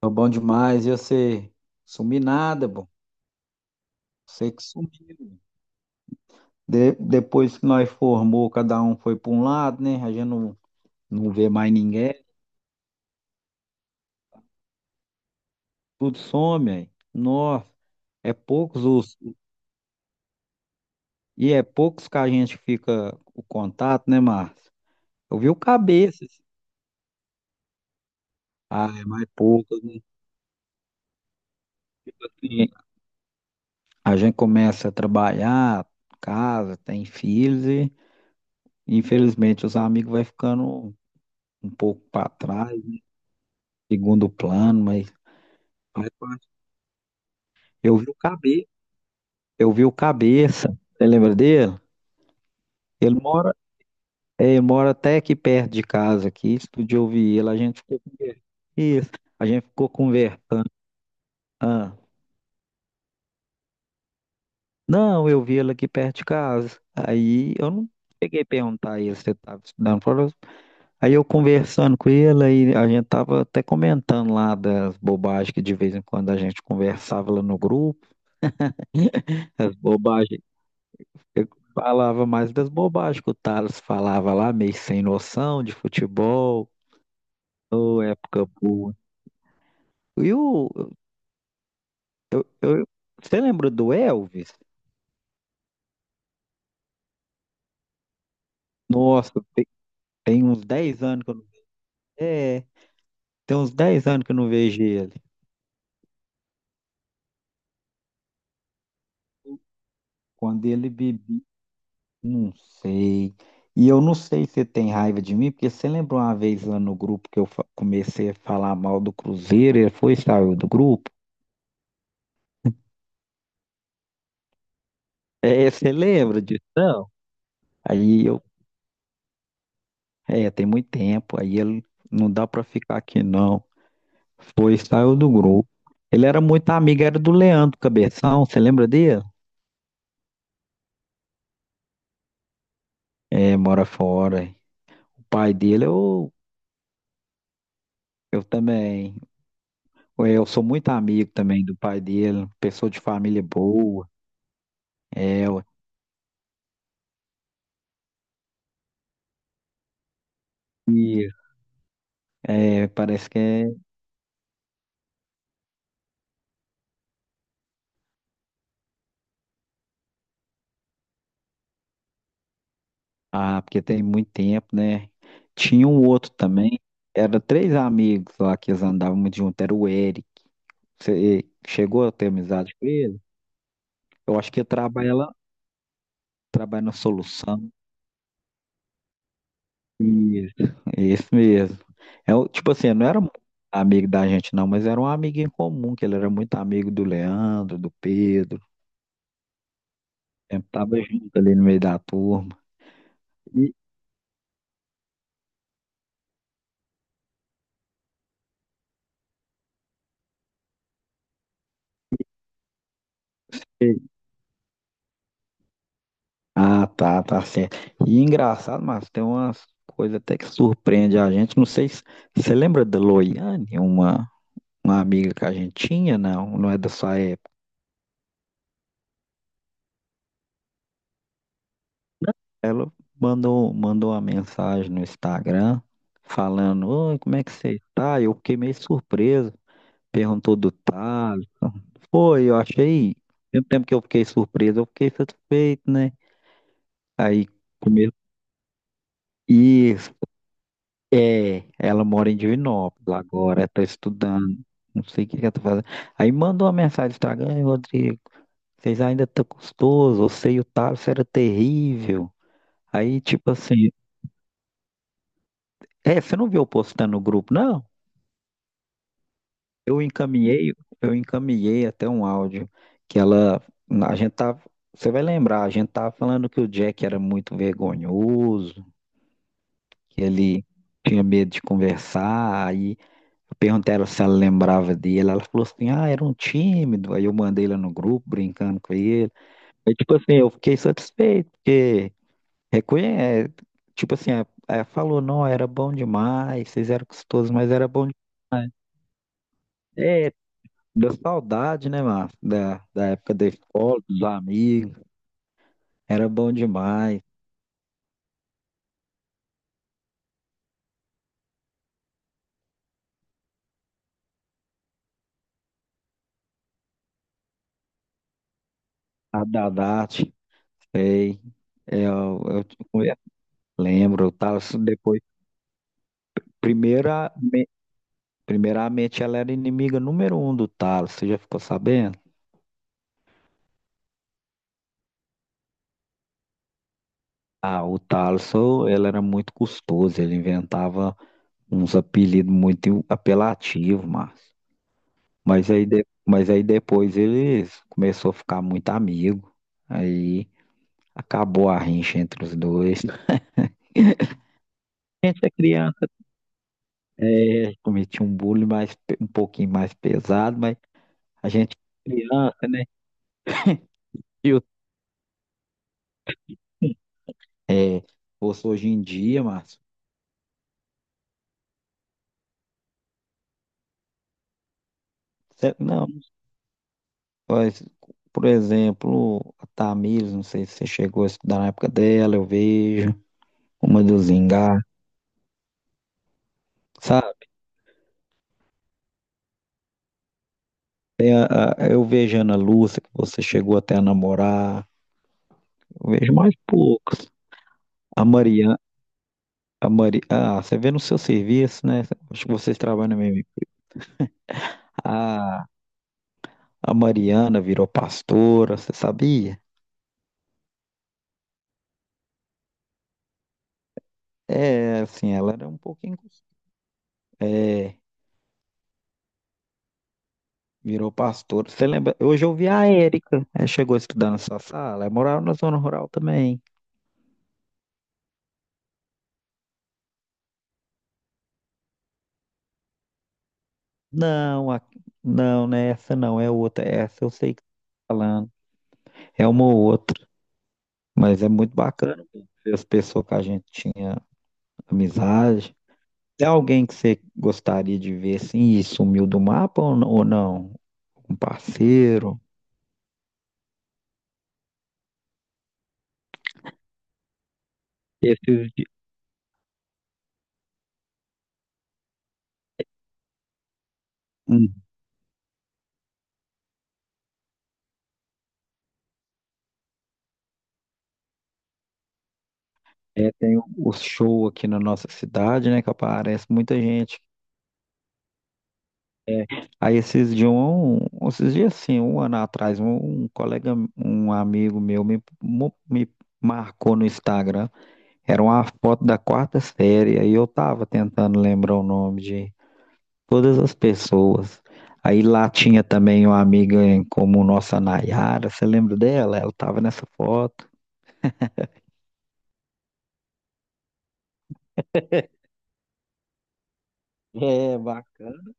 Tô bom demais. E você? Sumi nada, bom. Você que sumiu. Depois que nós formou, cada um foi para um lado, né? A gente não vê mais ninguém. Tudo some, aí. Nossa, é poucos os... E é poucos que a gente fica o contato, né, Márcio? Eu vi o Cabeça assim. Ah, é mais poucos, né? Tipo assim, a gente começa a trabalhar, casa, tem filhos e, infelizmente, os amigos vai ficando um pouco para trás, né? Segundo plano, mas, pô, Eu vi o Cabe, eu vi o Cabeça, você lembra dele? Ele mora, ele mora até aqui perto de casa, aqui, outro dia eu vi ele, a gente ficou conversando. Isso, a gente ficou conversando. Ah, não, eu vi ele aqui perto de casa. Aí eu não peguei a perguntar a ele se ele estava estudando. Aí eu conversando com ele, aí a gente tava até comentando lá das bobagens que de vez em quando a gente conversava lá no grupo, as bobagens eu falava mais das bobagens que o Thales falava lá, meio sem noção de futebol, ô, época boa. E o, eu, eu- você lembra do Elvis? Nossa, tem, uns 10 anos que eu não, é, tem uns 10 anos que eu não vejo ele. Quando ele bebia, não sei. E eu não sei se você tem raiva de mim, porque você lembra uma vez lá no grupo que comecei a falar mal do Cruzeiro, ele foi e saiu do grupo? É, você lembra disso? Não? Aí eu É, tem muito tempo, aí ele não dá pra ficar aqui não. Foi, e saiu do grupo. Ele era muito amigo, era do Leandro Cabeção, você lembra dele? É, mora fora. O pai dele, eu também. É, eu sou muito amigo também do pai dele, pessoa de família boa. É, ué. E é, parece que é. Ah, porque tem muito tempo, né? Tinha um outro também, era três amigos lá que eles andavam muito junto, era o Eric. Você chegou a ter amizade com ele? Eu acho que trabalha, trabalha na solução. Isso, é isso mesmo. É, tipo assim, não era muito amigo da gente, não, mas era um amigo em comum, que ele era muito amigo do Leandro, do Pedro. Sempre tava junto ali no meio da turma. E- e- Ah, tá certo. E engraçado, mas tem umas coisas até que surpreende a gente. Não sei se você lembra da Loiane, uma amiga que a gente tinha, não? Não é da sua. Ela mandou uma mensagem no Instagram falando, "Oi, como é que você tá?" Eu fiquei meio surpreso. Perguntou do Thales. Foi, eu achei. Mesmo tempo que eu fiquei surpreso, eu fiquei satisfeito, né? Aí começou. Isso, é. Ela mora em Divinópolis agora, ela tá estudando. Não sei o que que ela tá fazendo. Aí mandou uma mensagem no Instagram, "Ei, Rodrigo, vocês ainda estão custoso, eu sei o Thales era terrível." Aí, tipo assim, é, você não viu eu postando no grupo, não? Eu encaminhei, eu encaminhei até um áudio que ela, a gente tá, você vai lembrar, a gente tava falando que o Jack era muito vergonhoso, que ele tinha medo de conversar, aí eu perguntei a ela se ela lembrava dele, ela falou assim, ah, era um tímido, aí eu mandei ela no grupo brincando com ele, aí tipo assim, eu fiquei satisfeito, porque reconhece, tipo assim, ela falou, não, era bom demais, vocês eram gostosos, mas era bom demais. É, deu saudade, né, Márcio? Da época da escola, dos amigos. Era bom demais. A Dadate, sei. Eu te lembro, o Thales depois. Primeira, me- Primeiramente, ela era inimiga número um do Thales. Você já ficou sabendo? Ah, o Thales, ô, ele era muito custoso. Ele inventava uns apelidos muito apelativos, Márcio. Mas aí depois eles começou a ficar muito amigo. Aí, acabou a rincha entre os dois. A gente é criança, é, cometia um bullying mais, um pouquinho mais pesado, mas a gente é criança, né? E o- É, fosse hoje em dia, Márcio, não, mas, por exemplo, a Tamires, não sei se você chegou a estudar na época dela, eu vejo, uma do Zingá, sabe? Tem a- eu vejo a Ana Lúcia, que você chegou até a namorar, eu vejo mais poucos. A Mariana A Mari... Ah, você vê no seu serviço, né? Acho que vocês trabalham mesmo. A, a Mariana virou pastora, você sabia? É, assim, ela era um pouquinho. É, virou pastora. Você lembra? Hoje eu vi a Érica. Ela chegou a estudar na sua sala. Ela morava na zona rural também. Não, a- não, não é essa não, é outra. Essa eu sei que você tá falando. É uma ou outra. Mas é muito bacana ver as pessoas que a gente tinha amizade. Tem alguém que você gostaria de ver assim e sumiu do mapa ou não? Um parceiro? Esses, de- hum, é, tem o show aqui na nossa cidade, né? Que aparece muita gente. É, aí esses dias assim, um ano atrás, um colega, um amigo meu me marcou no Instagram. Era uma foto da quarta série. Aí eu tava tentando lembrar o nome todas as pessoas. Aí lá tinha também uma amiga em como nossa Nayara, você lembra dela? Ela estava nessa foto. É, bacana.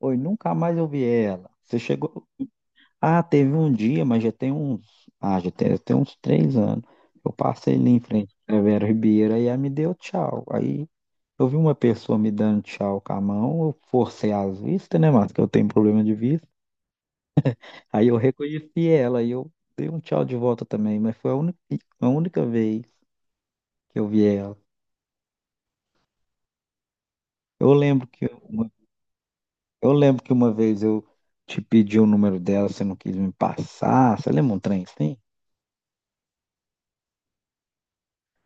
Oi, nunca mais eu vi ela. Você chegou. Ah, teve um dia, mas já tem uns. Ah, já tem uns 3 anos. Eu passei ali em frente à Vera Ribeira e ela me deu tchau. Aí eu vi uma pessoa me dando tchau com a mão, eu forcei as vistas, né, Márcio? Que eu tenho problema de vista. Aí eu reconheci ela e eu dei um tchau de volta também, mas foi a única vez que eu vi ela. Eu lembro que uma, eu lembro que uma vez eu te pedi o número dela, você não quis me passar. Você lembra um trem assim?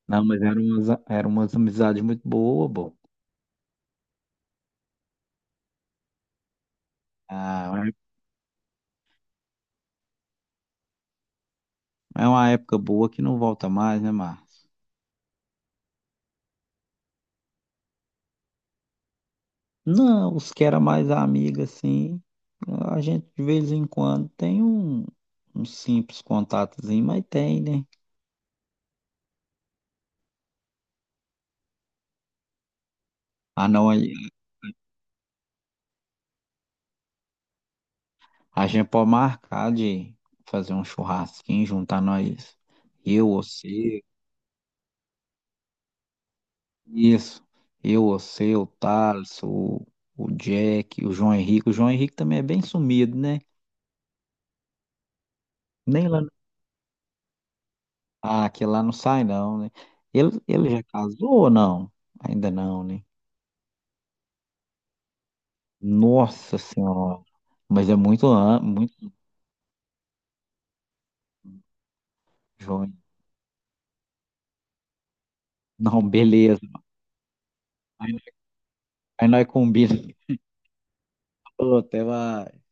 Não, mas era umas amizades muito boas, bom. Ah, é uma época boa que não volta mais, né, Márcio? Não, os que era mais amiga, assim, a gente de vez em quando tem um simples contatozinho, mas tem, né? Ah, não, aí a gente pode marcar de fazer um churrasquinho, juntar nós, eu, você. Isso. Eu, você, o Thales, o Jack, o João Henrique. O João Henrique também é bem sumido, né? Nem lá. Ah, que lá não sai, não, né? Ele já casou ou não? Ainda não, né? Nossa Senhora. Mas é muito jovem. Não, beleza. Aí, aí nós combinamos. Falou, até mais.